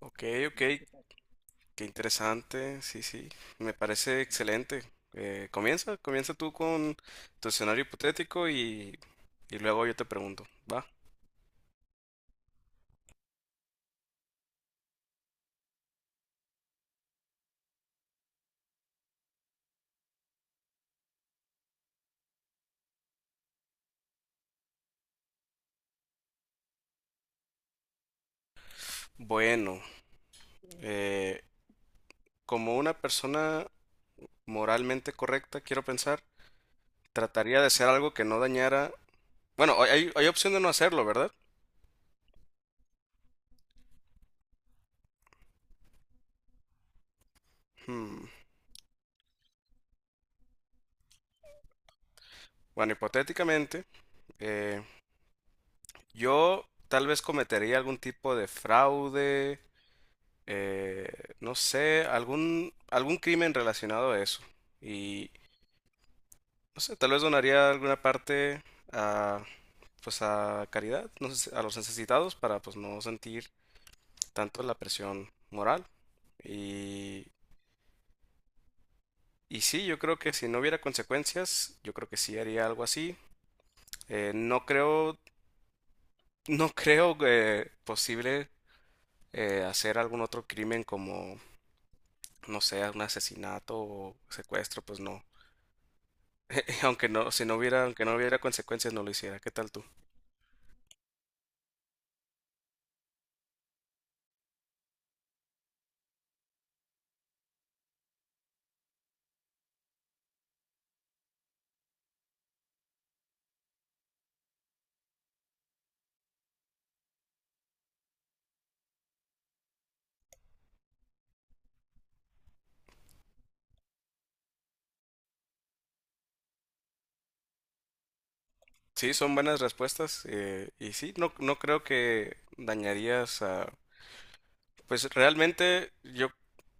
Ok, ok, qué interesante, sí, sí, me parece excelente. Comienza tú con tu escenario hipotético y luego yo te pregunto, ¿va? Bueno, eh, como una persona moralmente correcta, quiero pensar, trataría de hacer algo que no dañara... Bueno, hay opción de no hacerlo, ¿verdad? Hmm. Bueno, hipotéticamente, eh, yo tal vez cometería algún tipo de fraude, eh, no sé, algún crimen relacionado a eso. Y no sé, tal vez donaría alguna parte a, pues a caridad, no sé, a los necesitados para pues no sentir tanto la presión moral. Y, y sí, yo creo que si no hubiera consecuencias, yo creo que sí haría algo así. Eh, no creo, no creo, posible hacer algún otro crimen como, no sé, un asesinato o secuestro, pues no. Aunque no, si no hubiera, aunque no hubiera consecuencias, no lo hiciera. ¿Qué tal tú? Sí, son buenas respuestas. Y sí, no, no creo que dañarías a... Pues realmente yo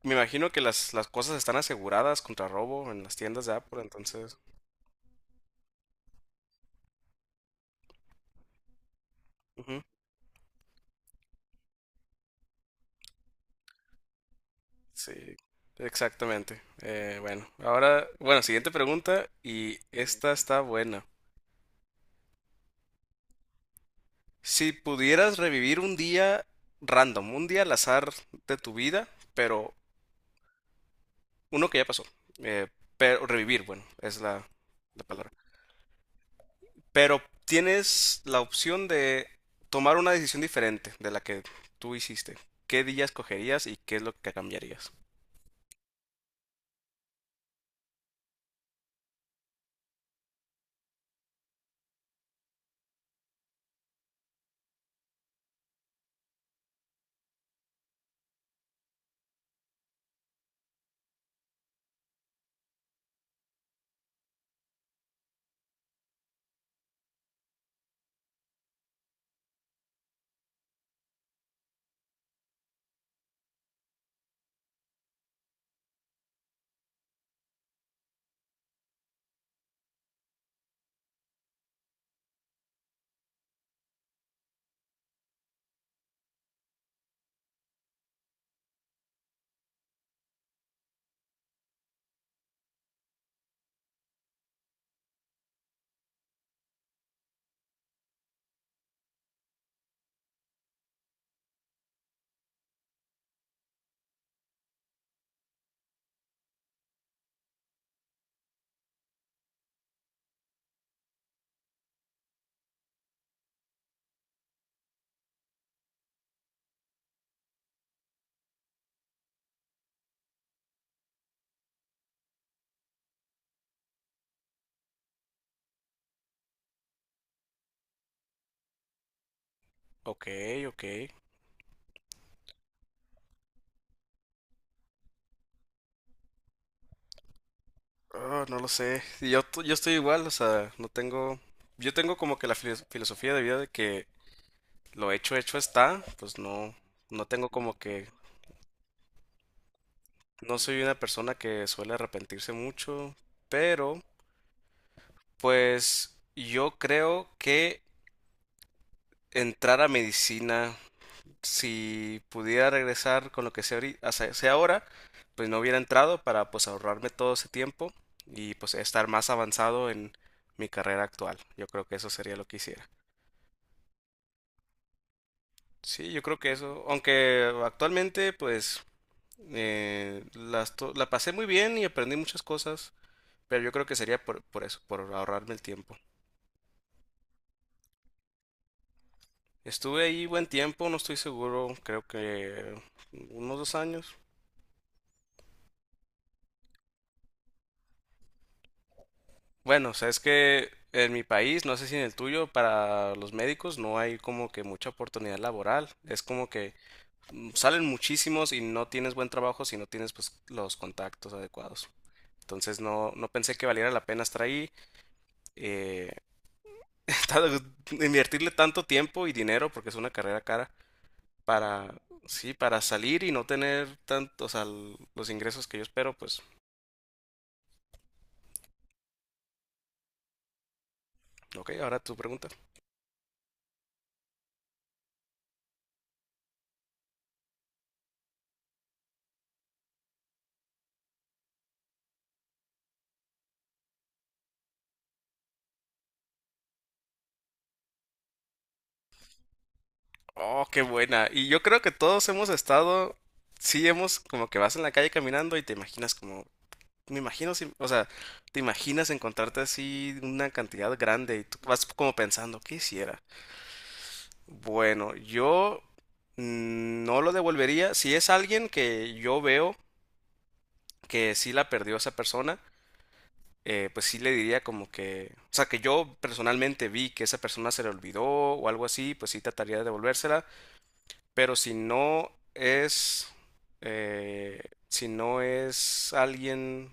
me imagino que las cosas están aseguradas contra robo en las tiendas de Apple, entonces... Ujú, sí, exactamente. Bueno, ahora, bueno, siguiente pregunta y esta está buena. Si pudieras revivir un día random, un día al azar de tu vida, pero uno que ya pasó. eh, pero revivir, bueno, es la palabra. Pero tienes la opción de tomar una decisión diferente de la que tú hiciste. ¿Qué día escogerías y qué es lo que cambiarías? Ok, ok. Ah, no lo sé. Yo estoy igual, o sea, no tengo... Yo tengo como que la filosofía de vida de que lo hecho hecho está, pues no, no tengo como que... No soy una persona que suele arrepentirse mucho, pero pues yo creo que entrar a medicina. Si pudiera regresar con lo que sé, sé ahora, pues no hubiera entrado para pues ahorrarme todo ese tiempo y pues estar más avanzado en mi carrera actual. Yo creo que eso sería lo que hiciera. Sí, yo creo que eso, aunque actualmente pues la pasé muy bien y aprendí muchas cosas, pero yo creo que sería por eso, por ahorrarme el tiempo. Estuve ahí buen tiempo, no estoy seguro, creo que unos dos años. Bueno, o sea, es que en mi país, no sé si en el tuyo, para los médicos no hay como que mucha oportunidad laboral. Es como que mm, salen muchísimos y no tienes buen trabajo si no tienes pues los contactos adecuados. Entonces no pensé que valiera la pena estar ahí, eh, invertirle tanto tiempo y dinero, porque es una carrera cara, para, sí, para salir y no tener tanto, o sea, los ingresos que yo espero, pues, ok, ahora tu pregunta. Oh, qué buena. Y yo creo que todos hemos estado, sí hemos como que vas en la calle caminando y te imaginas como, me imagino, o sea, te imaginas encontrarte así una cantidad grande y tú vas como pensando, ¿qué hiciera? Bueno, yo mm, no lo devolvería. Si es alguien que yo veo que sí la perdió esa persona, pues sí le diría como que, o sea, que yo personalmente vi que esa persona se le olvidó o algo así, pues sí trataría de devolvérsela. Pero si no es, eh, si no es alguien,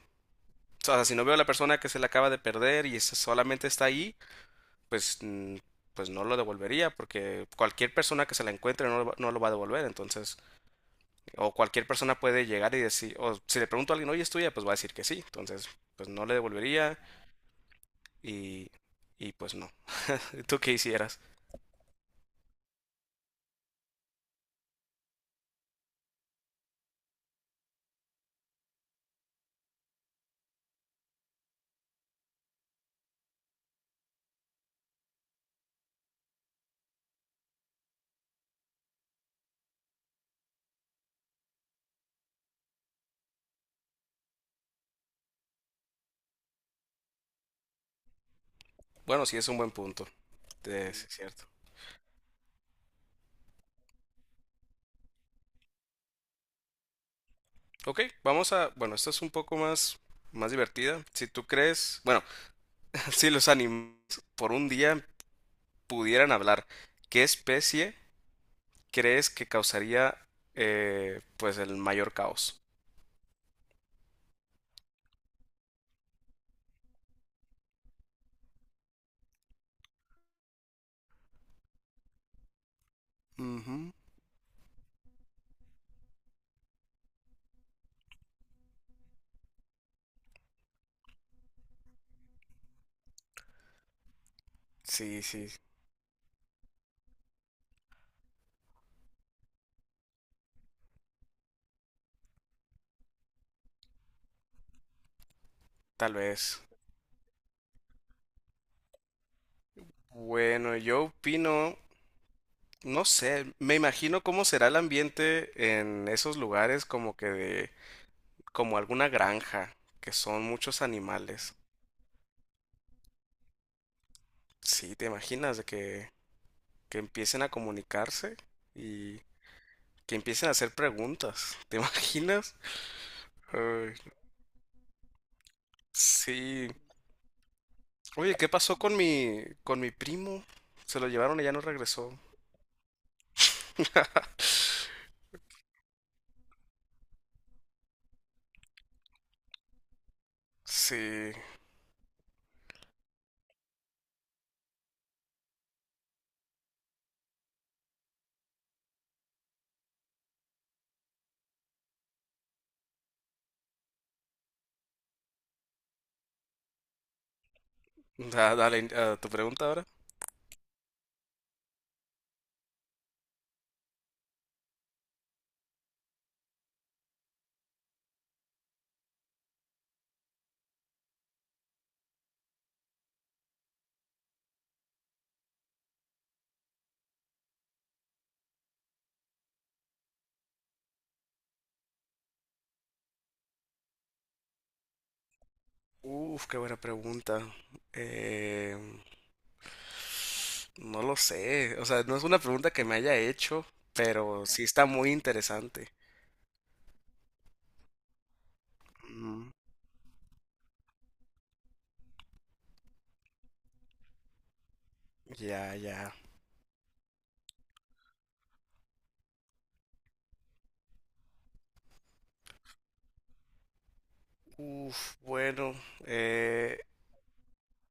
o sea, si no veo a la persona que se le acaba de perder y solamente está ahí, pues, mm, pues no lo devolvería, porque cualquier persona que se la encuentre no, no lo va a devolver, entonces, o cualquier persona puede llegar y decir, o si le pregunto a alguien, oye, es tuya, pues va a decir que sí, entonces, pues no le devolvería y, y pues no. ¿Tú qué hicieras? Bueno, sí es un buen punto, sí es cierto. Ok, vamos a, bueno, esta es un poco más, más divertida. Si tú crees, bueno, si los animales por un día pudieran hablar, ¿qué especie crees que causaría, pues el mayor caos? Ujú. Sí, sí, tal vez. Bueno, yo opino, no sé, me imagino cómo será el ambiente en esos lugares como que de, como alguna granja, que son muchos animales. Sí, ¿te imaginas de que empiecen a comunicarse y que empiecen a hacer preguntas. ¿Te imaginas? Ay, sí. Oye, ¿qué pasó con mi primo? Se lo llevaron y ya no regresó. Sí. Dale, ah, tu pregunta ahora. Uf, qué buena pregunta. Eh, no lo sé. O sea, no es una pregunta que me haya hecho, pero sí está muy interesante. Mm, ya, ya. Uf, bueno. Eh,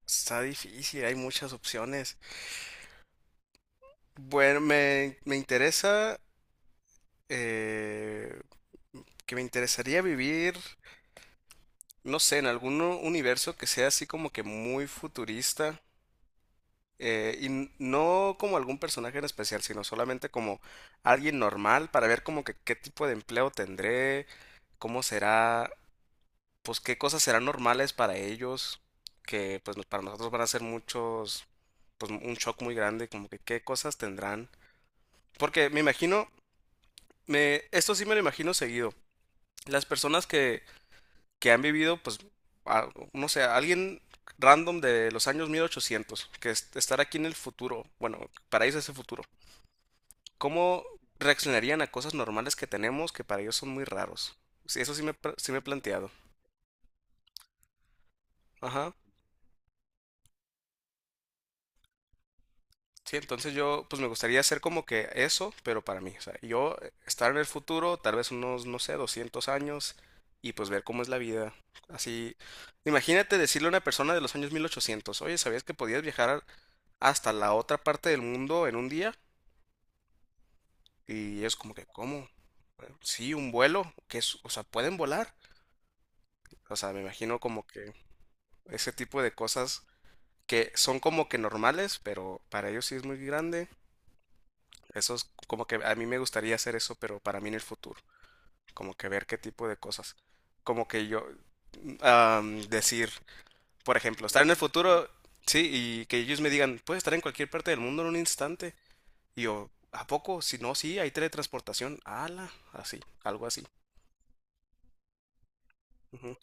está difícil, hay muchas opciones. Bueno, me interesa, eh, que me interesaría vivir, no sé, en algún universo que sea así como que muy futurista. No como algún personaje en especial, sino solamente como alguien normal para ver como que qué tipo de empleo tendré, cómo será, pues qué cosas serán normales para ellos, que pues para nosotros van a ser muchos, pues un shock muy grande, como que qué cosas tendrán. Porque me imagino, esto sí me lo imagino seguido. Las personas que han vivido, pues, no sé, alguien random de los años 1800, que estar aquí en el futuro, bueno, para ellos es el futuro. ¿Cómo reaccionarían a cosas normales que tenemos que para ellos son muy raros? Sí, eso sí me, sí me he planteado. Ajá. Sí, entonces yo, pues me gustaría hacer como que eso, pero para mí, o sea, yo, estar en el futuro, tal vez unos, no sé, 200 años, y pues ver cómo es la vida. Así, imagínate decirle a una persona de los años mil ochocientos, oye, ¿sabías que podías viajar hasta la otra parte del mundo en un día? Y es como que, ¿cómo? Bueno, sí, un vuelo, que es, o sea, pueden volar. O sea, me imagino como que ese tipo de cosas que son como que normales, pero para ellos sí es muy grande. Eso es como que a mí me gustaría hacer eso, pero para mí en el futuro, como que ver qué tipo de cosas. Como que yo am, decir, por ejemplo, estar en el futuro, sí, y que ellos me digan, puedes estar en cualquier parte del mundo en un instante. Y yo, ¿a poco? Si no, sí, hay teletransportación. Ala, así, algo así. Ujú.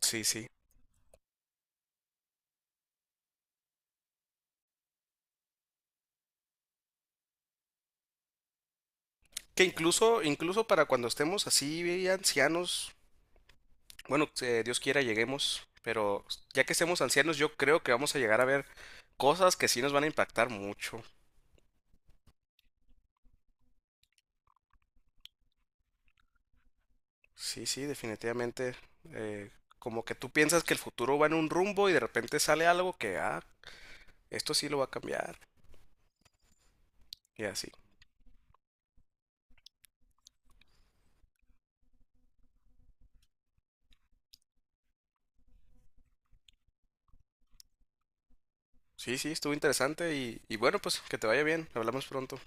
Sí, sí. Que incluso, incluso para cuando estemos así, ancianos, bueno, Dios quiera lleguemos, pero ya que estemos ancianos, yo creo que vamos a llegar a ver cosas que sí nos van a impactar mucho. Sí, sí, definitivamente. eh, Como que tú piensas que el futuro va en un rumbo y de repente sale algo que, ah, esto sí lo va a cambiar. Y así. Sí, sí, estuvo interesante y bueno, pues que te vaya bien. Hablamos pronto.